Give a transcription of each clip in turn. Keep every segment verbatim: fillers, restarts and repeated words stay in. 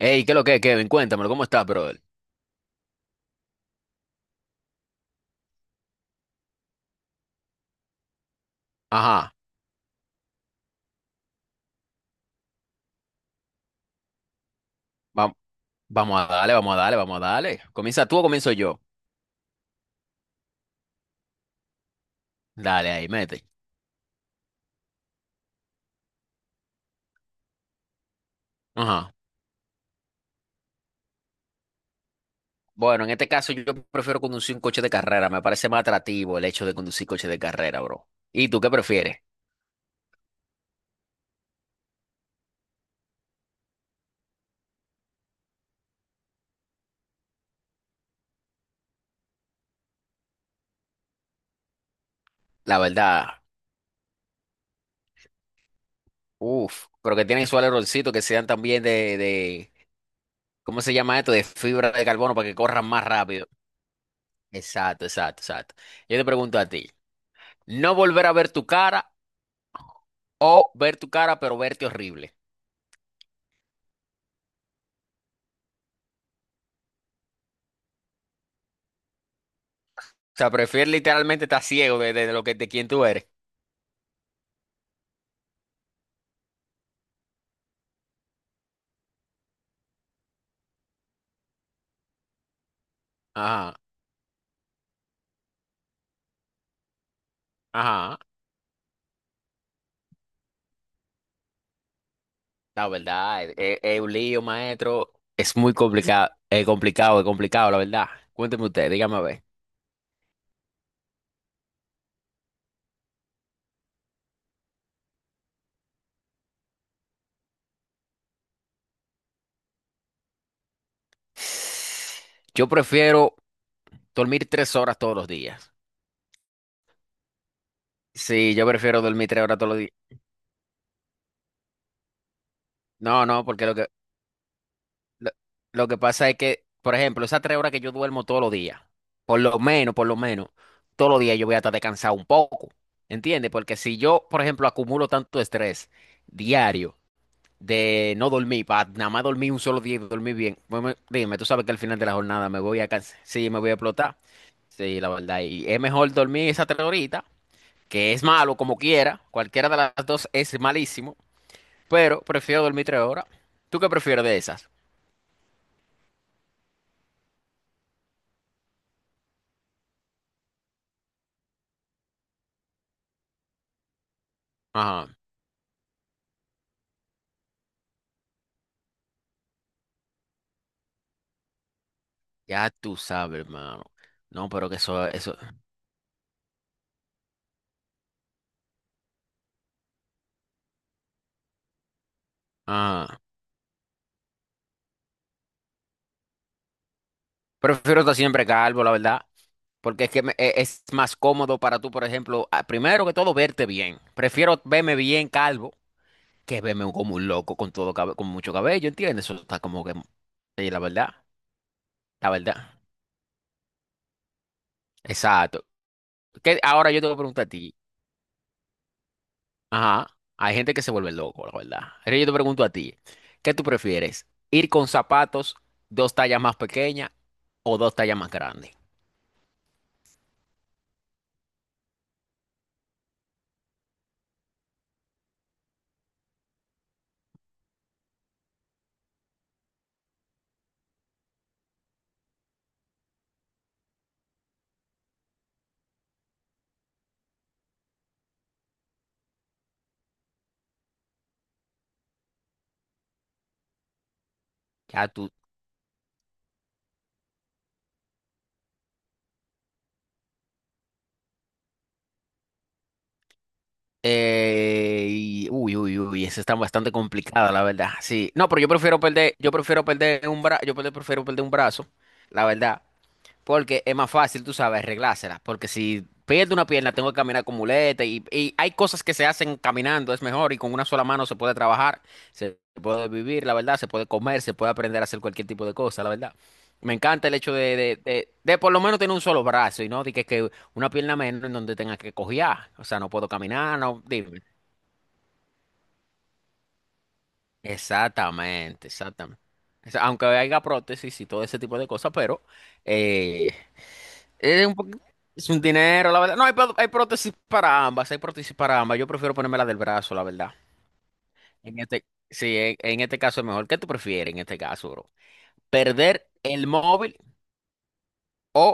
Ey, ¿qué es lo que, Kevin? Cuéntamelo, ¿cómo estás, brother? Ajá, va- vamos a darle, vamos a darle, vamos a darle. ¿Comienza tú o comienzo yo? Dale, ahí, mete. Ajá. Bueno, en este caso yo prefiero conducir un coche de carrera, me parece más atractivo el hecho de conducir coche de carrera, bro. ¿Y tú qué prefieres? La verdad, uff, pero que tienen su alerolcito que sean también de, de, ¿cómo se llama esto? De fibra de carbono para que corran más rápido. Exacto, exacto, exacto. Yo te pregunto a ti, ¿no volver a ver tu cara o ver tu cara pero verte horrible? O sea, prefiero literalmente estar ciego de, de- de lo que de quién tú eres. Ajá, ajá. La verdad, es, es- es un lío, maestro. Es muy complicado, es complicado, es complicado, la verdad. Cuénteme usted, dígame a ver. Yo prefiero dormir tres horas todos los días. Sí, yo prefiero dormir tres horas todos los días. No, no, porque lo que Lo, lo que pasa es que, por ejemplo, esas tres horas que yo duermo todos los días, por lo menos, por lo menos, todos los días yo voy a estar descansado un poco, ¿entiendes? Porque si yo, por ejemplo, acumulo tanto estrés diario de no dormir, para nada más dormir un solo día y dormir bien, pues me- dime, tú sabes que al final de la jornada me voy a cansar, sí, me voy a explotar, sí, la verdad, y es mejor dormir esas tres horitas, que es malo como quiera, cualquiera de las dos es malísimo, pero prefiero dormir tres horas. ¿Tú qué prefieres de esas? Ajá. Ya tú sabes, hermano. No, pero que eso, eso. Ah. Prefiero estar siempre calvo, la verdad. Porque es que me- e- es más cómodo para tú, por ejemplo, ah, primero que todo, verte bien. Prefiero verme bien calvo que verme como un loco con todo cabe- con mucho cabello, ¿entiendes? Eso está como que. Sí, la verdad. La verdad. Exacto. Que ahora yo te voy a preguntar a ti. Ajá. Hay gente que se vuelve loco, la verdad. Pero yo te pregunto a ti, ¿qué tú prefieres? ¿Ir con zapatos dos tallas más pequeñas o dos tallas más grandes? Ya tú. Eh, y- uy, uy, uy, esa está bastante complicada, la verdad. Sí. No, pero yo prefiero perder, yo prefiero perder un brazo, yo pre- prefiero perder un brazo, la verdad. Porque es más fácil, tú sabes, arreglárselas. Porque si pierdo una pierna, tengo que caminar con muleta. Y, y hay cosas que se hacen caminando, es mejor. Y con una sola mano se puede trabajar, se puede vivir, la verdad. Se puede comer, se puede aprender a hacer cualquier tipo de cosa, la verdad. Me encanta el hecho de, de, de, de por lo menos tener un solo brazo y no de que, que una pierna menos en donde tenga que cojear. O sea, no puedo caminar, no. Dime. Exactamente, exactamente. O sea, aunque haya prótesis y todo ese tipo de cosas, pero eh, Es un poqu- es un dinero, la verdad. No, hay, pro- hay prótesis para ambas, hay prótesis para ambas. Yo prefiero ponerme la del brazo, la verdad. En este, sí, en, en este caso es mejor. ¿Qué tú prefieres en este caso, bro? ¿Perder el móvil o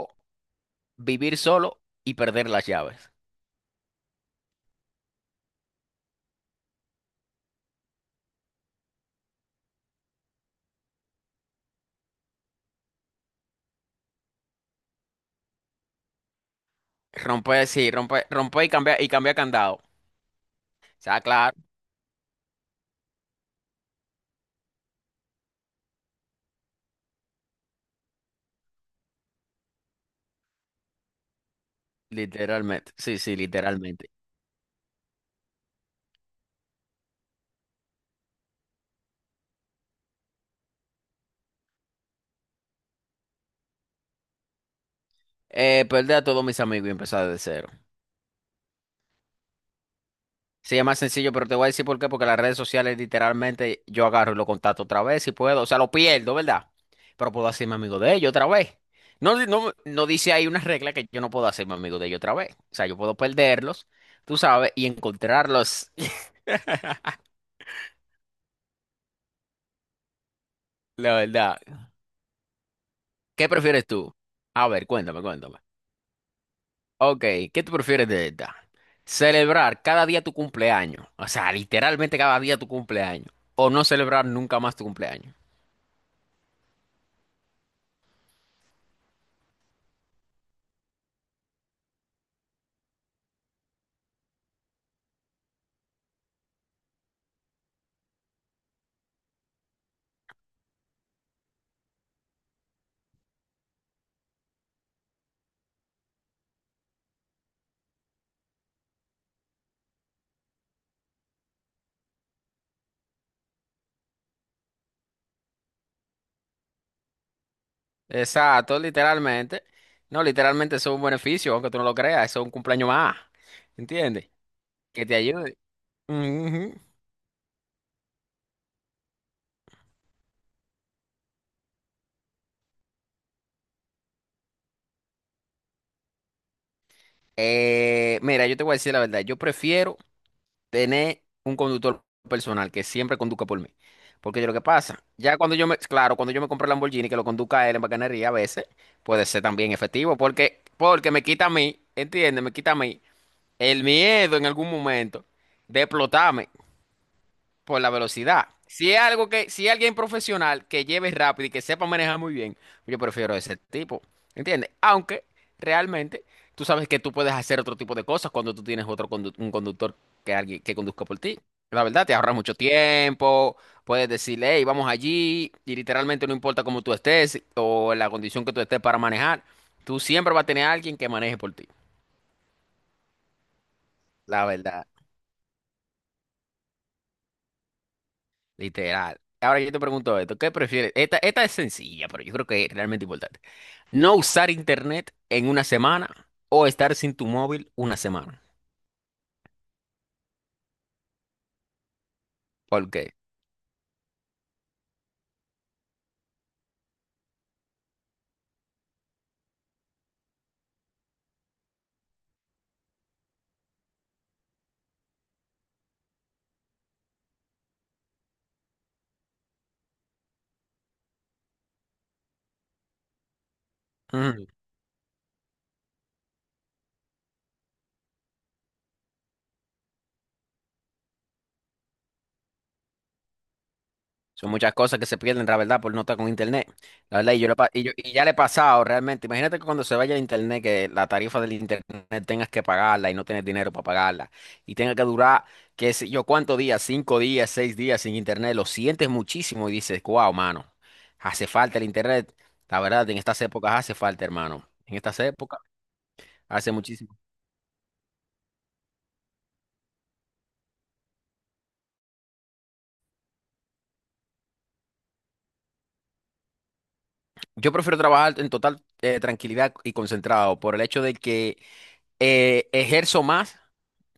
vivir solo y perder las llaves? Romper, sí, romper, romper y cambiar y cambiar candado. O sea, claro, literalmente. Sí, sí, literalmente. Eh, perder a todos mis amigos y empezar de cero. Sí, es más sencillo, pero te voy a decir por qué, porque las redes sociales literalmente yo agarro y lo contacto otra vez si puedo, o sea, lo pierdo, ¿verdad? Pero puedo hacerme amigo de ellos otra vez. No, di- no, no dice ahí una regla que yo no puedo hacerme amigo de ellos otra vez. O sea, yo puedo perderlos, tú sabes, y encontrarlos, la verdad. ¿Qué prefieres tú? A ver, cuéntame, cuéntame. Ok, ¿qué tú prefieres de esta? Celebrar cada día tu cumpleaños, o sea, literalmente cada día tu cumpleaños, o no celebrar nunca más tu cumpleaños. Exacto, literalmente. No, literalmente eso es un beneficio, aunque tú no lo creas, eso es un cumpleaños más. ¿Entiendes? Que te ayude. Ujú. Eh, mira, yo te voy a decir la verdad, yo prefiero tener un conductor personal que siempre conduzca por mí. Porque yo lo que pasa, ya cuando yo me, claro, cuando yo me compré el Lamborghini, que lo conduzca él en bacanería a veces, puede ser también efectivo, porque, porque me quita a mí, ¿entiendes? Me quita a mí el miedo en algún momento de explotarme. Por la velocidad. Si es algo que, si es alguien profesional que lleve rápido y que sepa manejar muy bien, yo prefiero ese tipo, ¿entiendes? Aunque realmente tú sabes que tú puedes hacer otro tipo de cosas cuando tú tienes otro condu- un conductor que alguien que conduzca por ti. La verdad, te ahorras mucho tiempo, puedes decirle, hey, vamos allí, y literalmente no importa cómo tú estés o la condición que tú estés para manejar, tú siempre vas a tener a alguien que maneje por ti. La verdad. Literal. Ahora yo te pregunto esto, ¿qué prefieres? Esta, esta es sencilla, pero yo creo que es realmente importante. ¿No usar internet en una semana o estar sin tu móvil una semana? ¿Por qué? Son muchas cosas que se pierden, la verdad, por no estar con internet. La verdad, y yo, lo pa- y yo- y ya le he pasado realmente. Imagínate que cuando se vaya el internet, que la tarifa del internet tengas que pagarla y no tienes dinero para pagarla. Y tenga que durar, qué sé yo, cuántos días, cinco días, seis días sin internet. Lo sientes muchísimo y dices, wow, mano, hace falta el internet. La verdad, en estas épocas hace falta, hermano. En estas épocas hace muchísimo. Yo prefiero trabajar en total eh, tranquilidad y concentrado por el hecho de que eh, ejerzo más.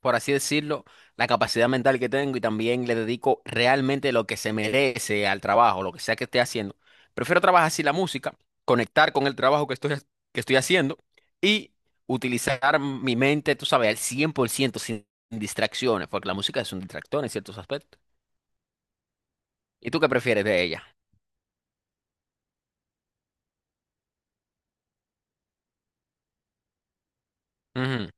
Por así decirlo, la capacidad mental que tengo y también le dedico realmente lo que se merece al trabajo, lo que sea que esté haciendo. Prefiero trabajar así la música, conectar con el trabajo que estoy, que estoy haciendo y utilizar mi mente, tú sabes, al cien por ciento sin distracciones, porque la música es un distractor en ciertos aspectos. ¿Y tú qué prefieres de ella? Ujú,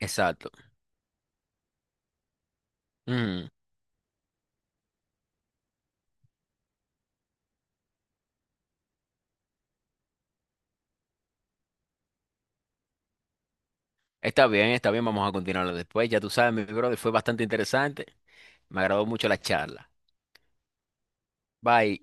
exacto. Ujú. Está bien, está bien, vamos a continuarlo después. Ya tú sabes, mi brother, fue bastante interesante. Me agradó mucho la charla. Bye.